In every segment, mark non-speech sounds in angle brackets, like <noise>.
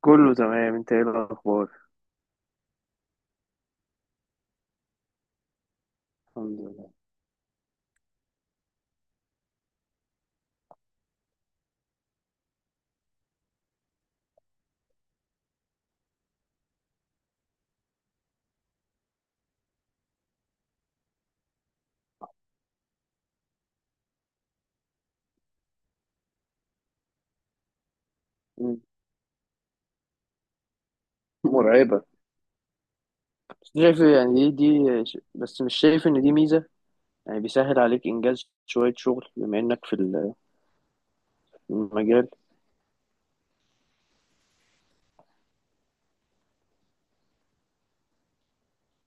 كله تمام، انت ايه الاخبار؟ الحمد لله. مم. مرعبة. بس شايف يعني دي، بس مش شايف إن دي ميزة. يعني بيسهل عليك إنجاز شوية شغل بما إنك في في المجال.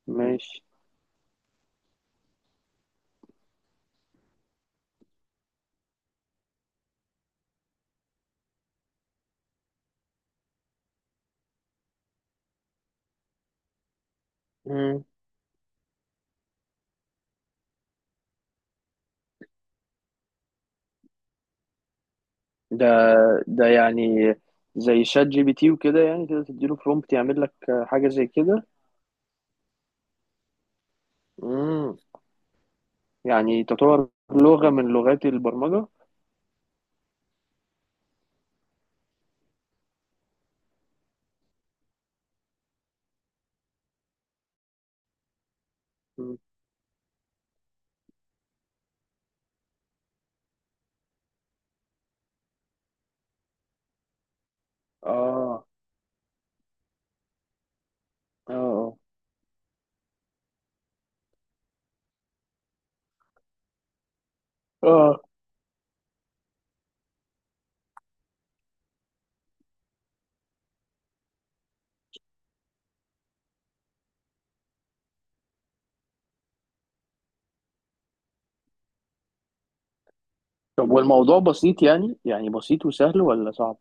ماشي. مم. ده ده يعني زي شات جي بي تي وكده، يعني كده تديله برومبت يعمل لك حاجة زي كده. مم. يعني تعتبر لغة من لغات البرمجة. مم. آه آه، آه آه. طب والموضوع بسيط، يعني يعني بسيط وسهل ولا صعب؟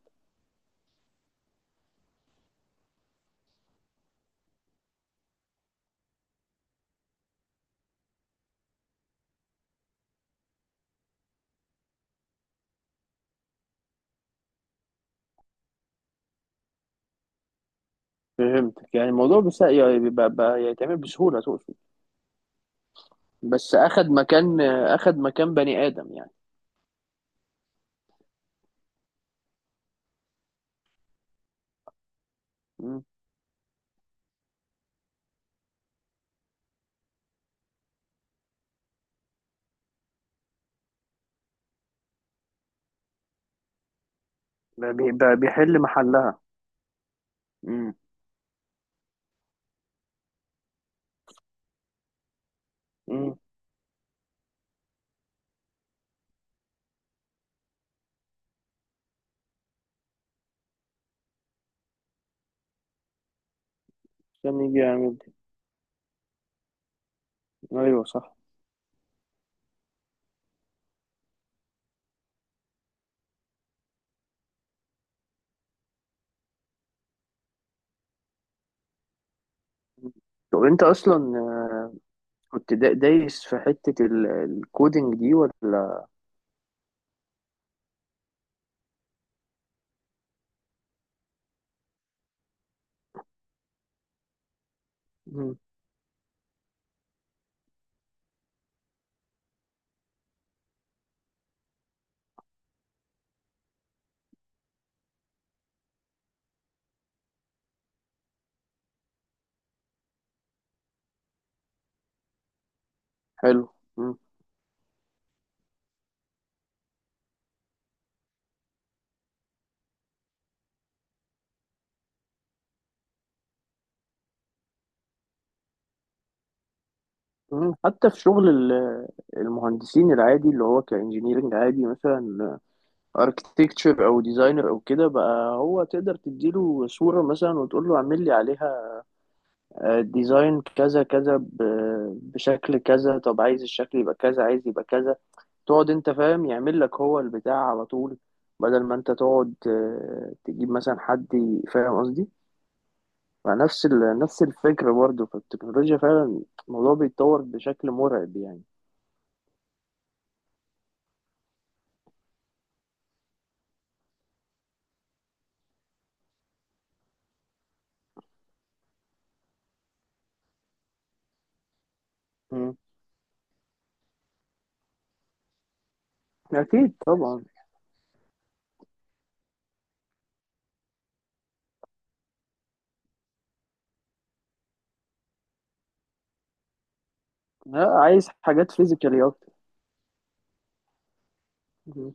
فهمتك، يعني الموضوع بس يعني بيبقى بقى يتعمل بسهولة تقصد. بس أخد مكان أخد مكان بني آدم يعني. مم. بقى بيحل محلها. مم. مم. عشان يجي يعمل دي. أيوه صح. مم. طب أنت أصلا كنت دايس في حتة الكودينج دي ولا؟ مم. حلو. مم. مم. حتى في شغل المهندسين العادي، اللي هو كإنجينيرنج عادي، مثلا اركتكتشر أو ديزاينر أو كده. بقى هو تقدر تديله صورة مثلا وتقول له اعمل لي عليها ديزاين كذا كذا، بشكل كذا. طب عايز الشكل يبقى كذا، عايز يبقى كذا. تقعد انت فاهم، يعمل لك هو البتاع على طول، بدل ما انت تقعد تجيب مثلا حد فاهم قصدي. فنفس نفس الفكرة برضه فالتكنولوجيا فعلا الموضوع بيتطور بشكل مرعب يعني. مم. أكيد طبعا. لا، عايز حاجات فيزيكالي أكتر. مم.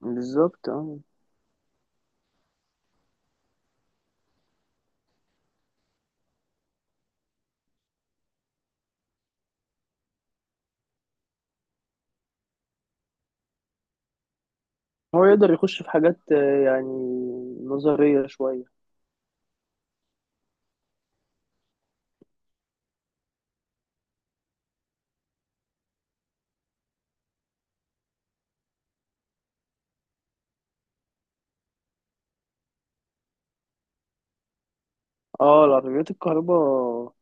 بالظبط اه. هو يقدر يخش في حاجات يعني نظرية شوية. اه، العربيات الكهرباء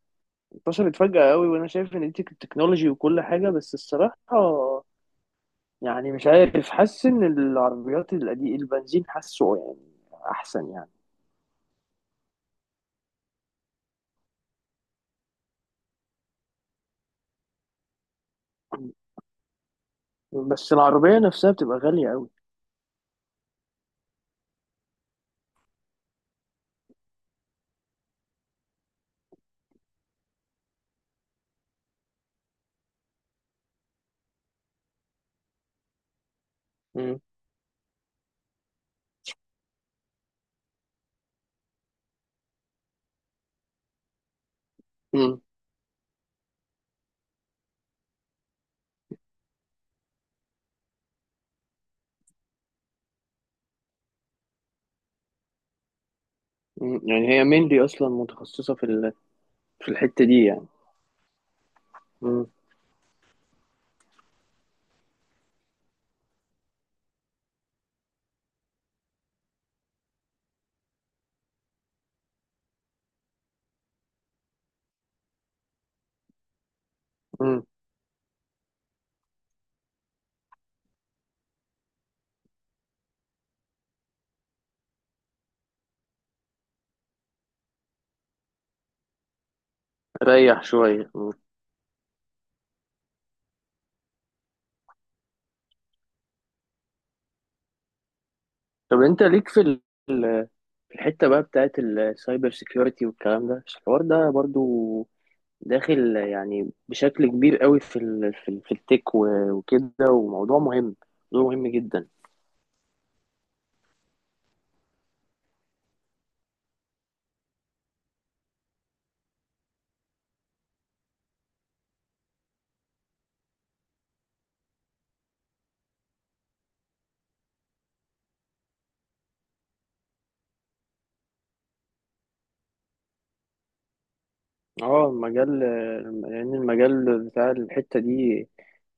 انتشرت فجأة قوي، وانا شايف ان دي التكنولوجي وكل حاجة، بس الصراحة يعني مش عارف، حاسس ان العربيات القديم البنزين حاسه يعني احسن يعني. بس العربية نفسها بتبقى غالية قوي. مم. مم. مم. يعني هي مينلي اصلا متخصصة في ال... في الحتة دي يعني. مم. مم. ريح شوية. مم. طب انت ليك في ال... في الحتة بقى بتاعت السايبر سيكيورتي والكلام ده، الحوار ده برضو داخل يعني بشكل كبير قوي في ال في التك وكده. وموضوع مهم، موضوع مهم جدا. اه المجال، لان المجال بتاع الحتة دي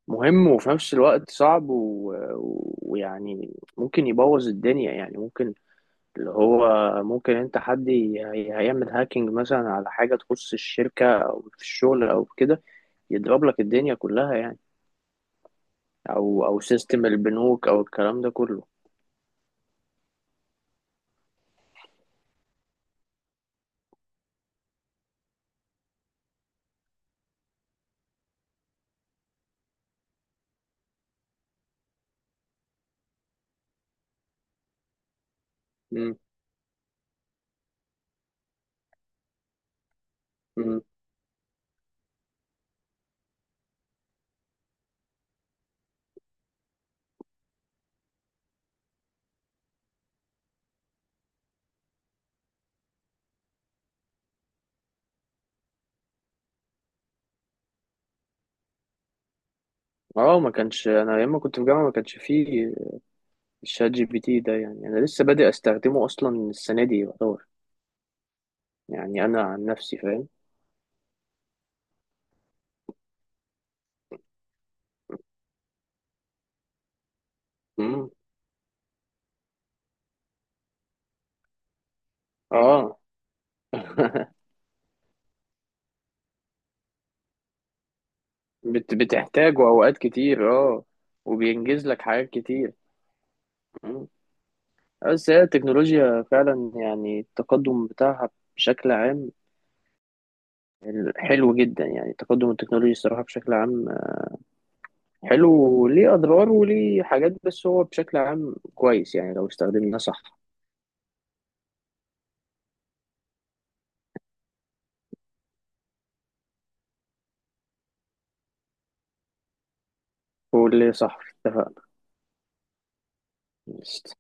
مهم وفي نفس الوقت صعب ويعني ممكن يبوظ الدنيا يعني. ممكن اللي هو، ممكن انت هيعمل هاكينج مثلا على حاجة تخص الشركة او في الشغل او كده، يضرب لك الدنيا كلها يعني. او او سيستم البنوك او الكلام ده كله. مم. اه ما كانش، انا لما كنت في جامعه ما كانش فيه الشات جي بي تي ده يعني. انا لسه بادئ استخدمه اصلا السنه دي يعتبر، يعني انا عن نفسي فاهم. امم اه. <laughs> بتحتاجه اوقات كتير اه، وبينجز لك حاجات كتير. مم. بس هي التكنولوجيا فعلا يعني التقدم بتاعها بشكل عام حلو جدا. يعني تقدم التكنولوجيا الصراحه بشكل عام حلو، وليه اضرار وليه حاجات، بس هو بشكل عام كويس يعني لو استخدمناه صح. واللي صح اتفق. قشطة.